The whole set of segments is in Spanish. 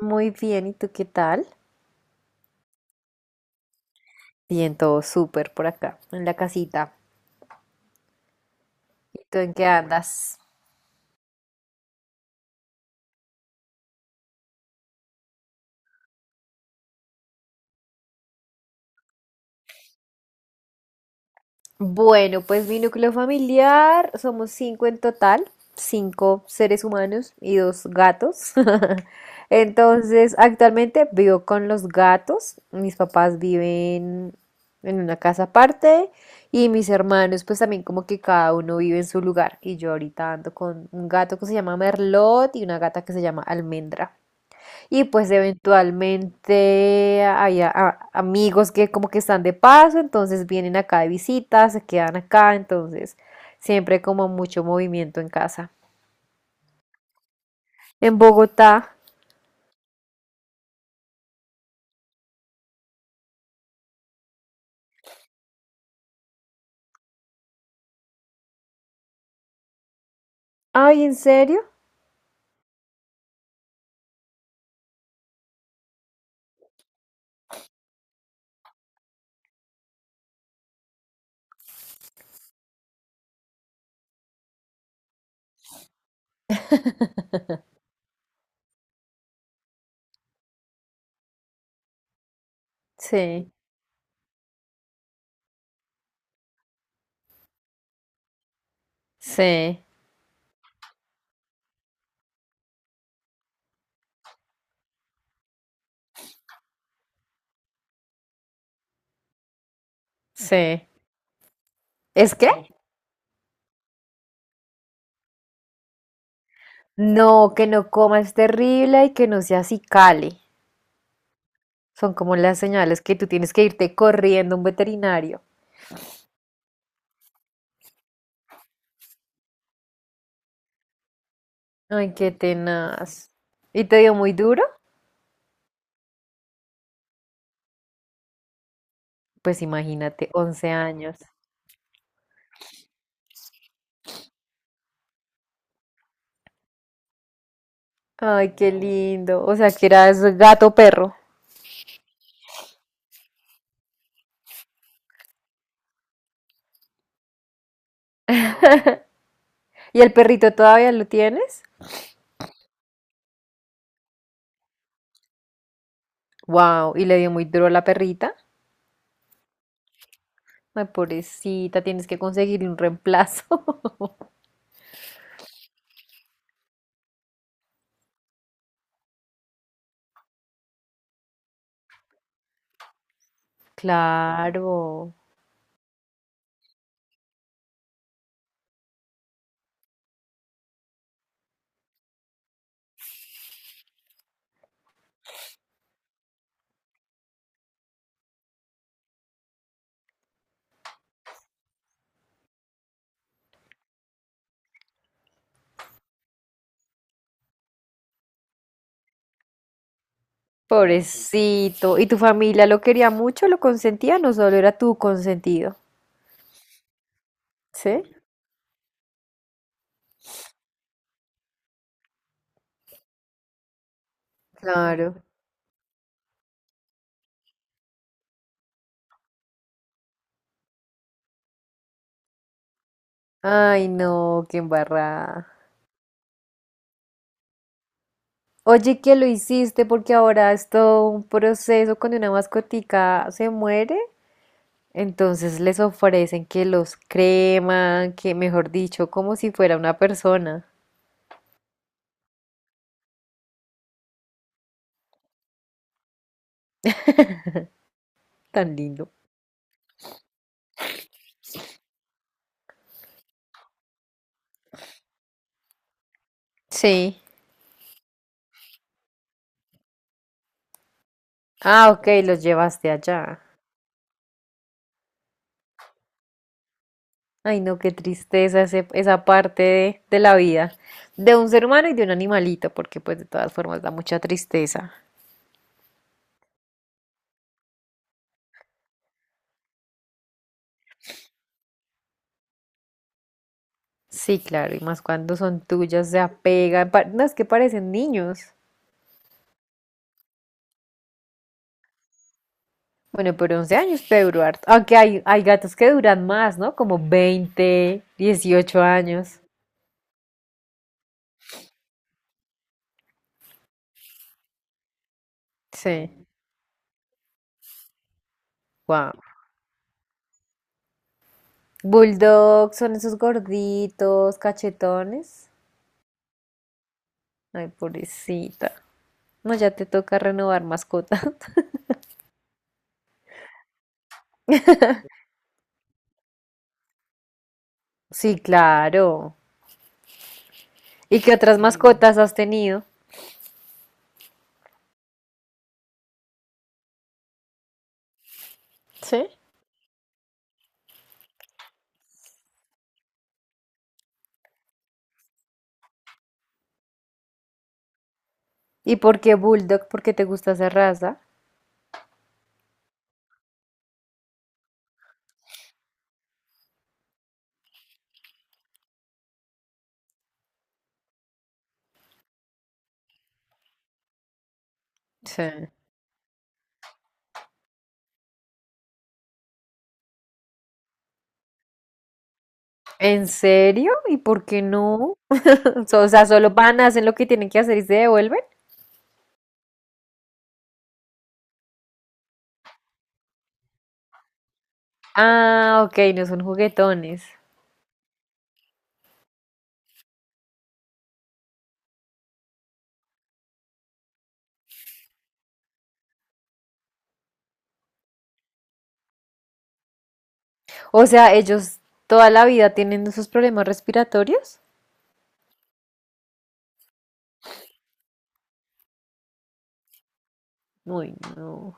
Muy bien, ¿y tú qué tal? Bien, todo súper por acá, en la casita. ¿Y tú en qué andas? Bueno, pues mi núcleo familiar, somos cinco en total, cinco seres humanos y dos gatos. Entonces, actualmente vivo con los gatos. Mis papás viven en una casa aparte y mis hermanos, pues también como que cada uno vive en su lugar. Y yo ahorita ando con un gato que se llama Merlot y una gata que se llama Almendra. Y pues eventualmente hay amigos que como que están de paso, entonces vienen acá de visita, se quedan acá, entonces siempre como mucho movimiento en casa. En Bogotá. Ay, ¿en serio? Sí, sí, sí. ¿Es que? Sí. No, que no comas terrible y que no seas cali. Son como las señales que tú tienes que irte corriendo a un veterinario. Ay, qué tenaz. ¿Y te dio muy duro? Pues imagínate, 11 años. Ay, qué lindo. O sea, que eras gato perro. ¿Y el perrito todavía lo tienes? Wow, y le dio muy duro a la perrita. Ay, pobrecita, tienes que conseguir un reemplazo. Claro. Pobrecito. ¿Y tu familia lo quería mucho, lo consentía? No solo era tu consentido. ¿Sí? Claro. Ay, no, qué embarrada. Oye, ¿qué lo hiciste? Porque ahora es todo un proceso cuando una mascotica se muere. Entonces les ofrecen que los creman, que mejor dicho, como si fuera una persona. Tan lindo. Sí. Ah, ok, los llevaste allá. Ay, no, qué tristeza esa parte de la vida de un ser humano y de un animalito, porque pues de todas formas da mucha tristeza. Sí, claro, y más cuando son tuyas, se apegan. No, es que parecen niños. Bueno, pero 11 años puede durar. Aunque hay gatos que duran más, ¿no? Como 20, 18 años. Sí, wow. Bulldogs son esos gorditos, cachetones. Ay, pobrecita. No, ya te toca renovar mascota. Sí, claro. ¿Y qué otras, sí, mascotas has tenido? ¿Sí? ¿Y por qué Bulldog? ¿Por qué te gusta esa raza? Sí. ¿En serio? ¿Y por qué no? O sea, solo van, hacen lo que tienen que hacer y se devuelven. Ah, ok, no son juguetones. O sea, ellos toda la vida tienen esos problemas respiratorios. Uy, no.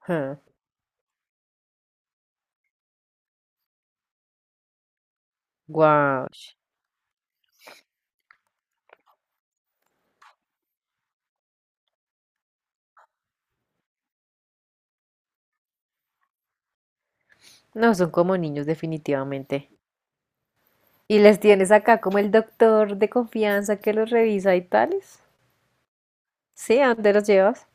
Huh. Guau. No, son como niños definitivamente. ¿Y les tienes acá como el doctor de confianza que los revisa y tales? Sí, ¿a dónde los llevas?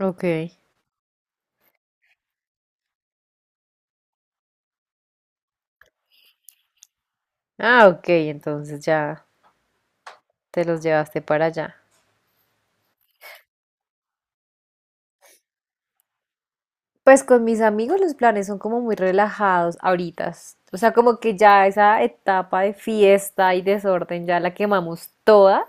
Ok. Ah, ok, entonces ya te los llevaste para allá. Pues con mis amigos los planes son como muy relajados ahorita. O sea, como que ya esa etapa de fiesta y desorden ya la quemamos toda.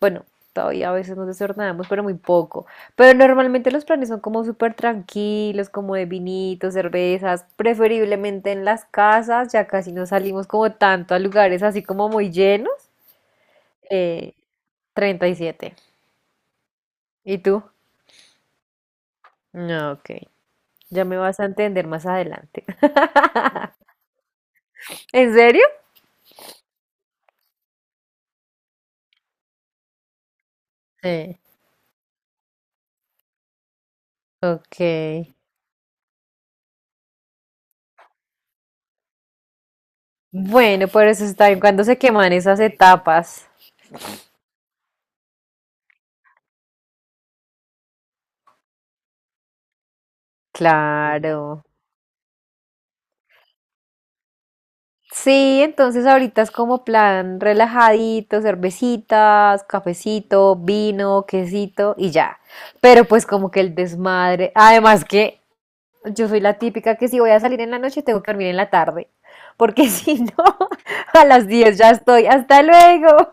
Bueno, todavía a veces nos desordenamos, pero muy poco. Pero normalmente los planes son como súper tranquilos, como de vinitos, cervezas, preferiblemente en las casas, ya casi no salimos como tanto a lugares así como muy llenos. Eh, 37. ¿Y tú? No, ok. Ya me vas a entender más adelante. ¿En serio? Sí. Ok. Bueno, por eso está bien cuando se queman esas etapas. Claro. Sí, entonces ahorita es como plan relajadito, cervecitas, cafecito, vino, quesito y ya. Pero pues como que el desmadre. Además que yo soy la típica que si voy a salir en la noche tengo que dormir en la tarde. Porque si no, a las 10 ya estoy. Hasta luego.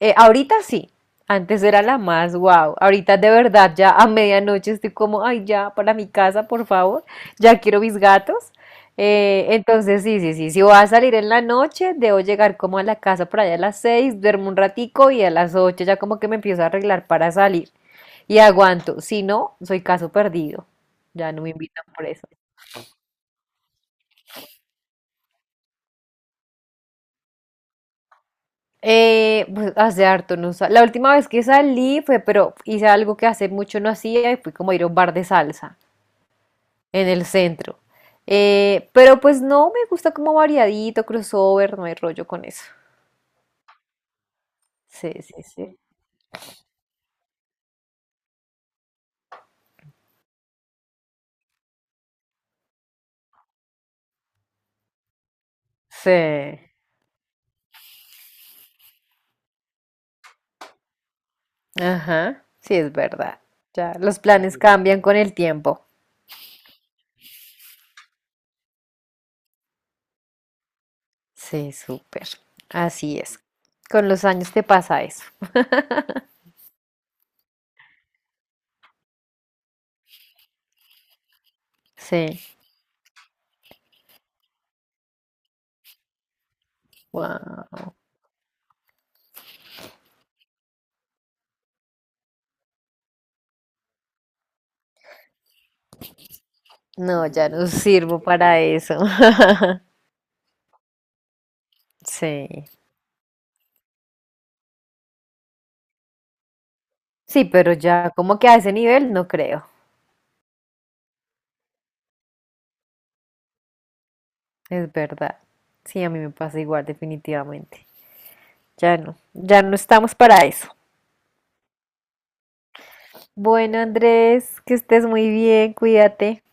Ahorita sí, antes era la más wow. Ahorita de verdad ya a medianoche estoy como, ay, ya, para mi casa, por favor, ya quiero mis gatos. Entonces sí, sí, sí, si voy a salir en la noche, debo llegar como a la casa por allá a las 6, duermo un ratico y a las 8 ya como que me empiezo a arreglar para salir y aguanto. Si no, soy caso perdido. Ya no me invitan por eso. Pues hace harto no sa- la última vez que salí fue, pero hice algo que hace mucho no hacía y fui como a ir a un bar de salsa en el centro. Pero pues no, me gusta como variadito, crossover, no hay rollo con eso. Sí, sí, sí. Sí, ajá, sí es verdad. Ya, los planes cambian con el tiempo. Sí, súper. Así es. Con los años te pasa eso. Sí, wow. No, ya no sirvo para eso. Sí. Sí, pero ya como que a ese nivel no creo. Es verdad. Sí, a mí me pasa igual, definitivamente. Ya no, ya no estamos para eso. Bueno, Andrés, que estés muy bien, cuídate.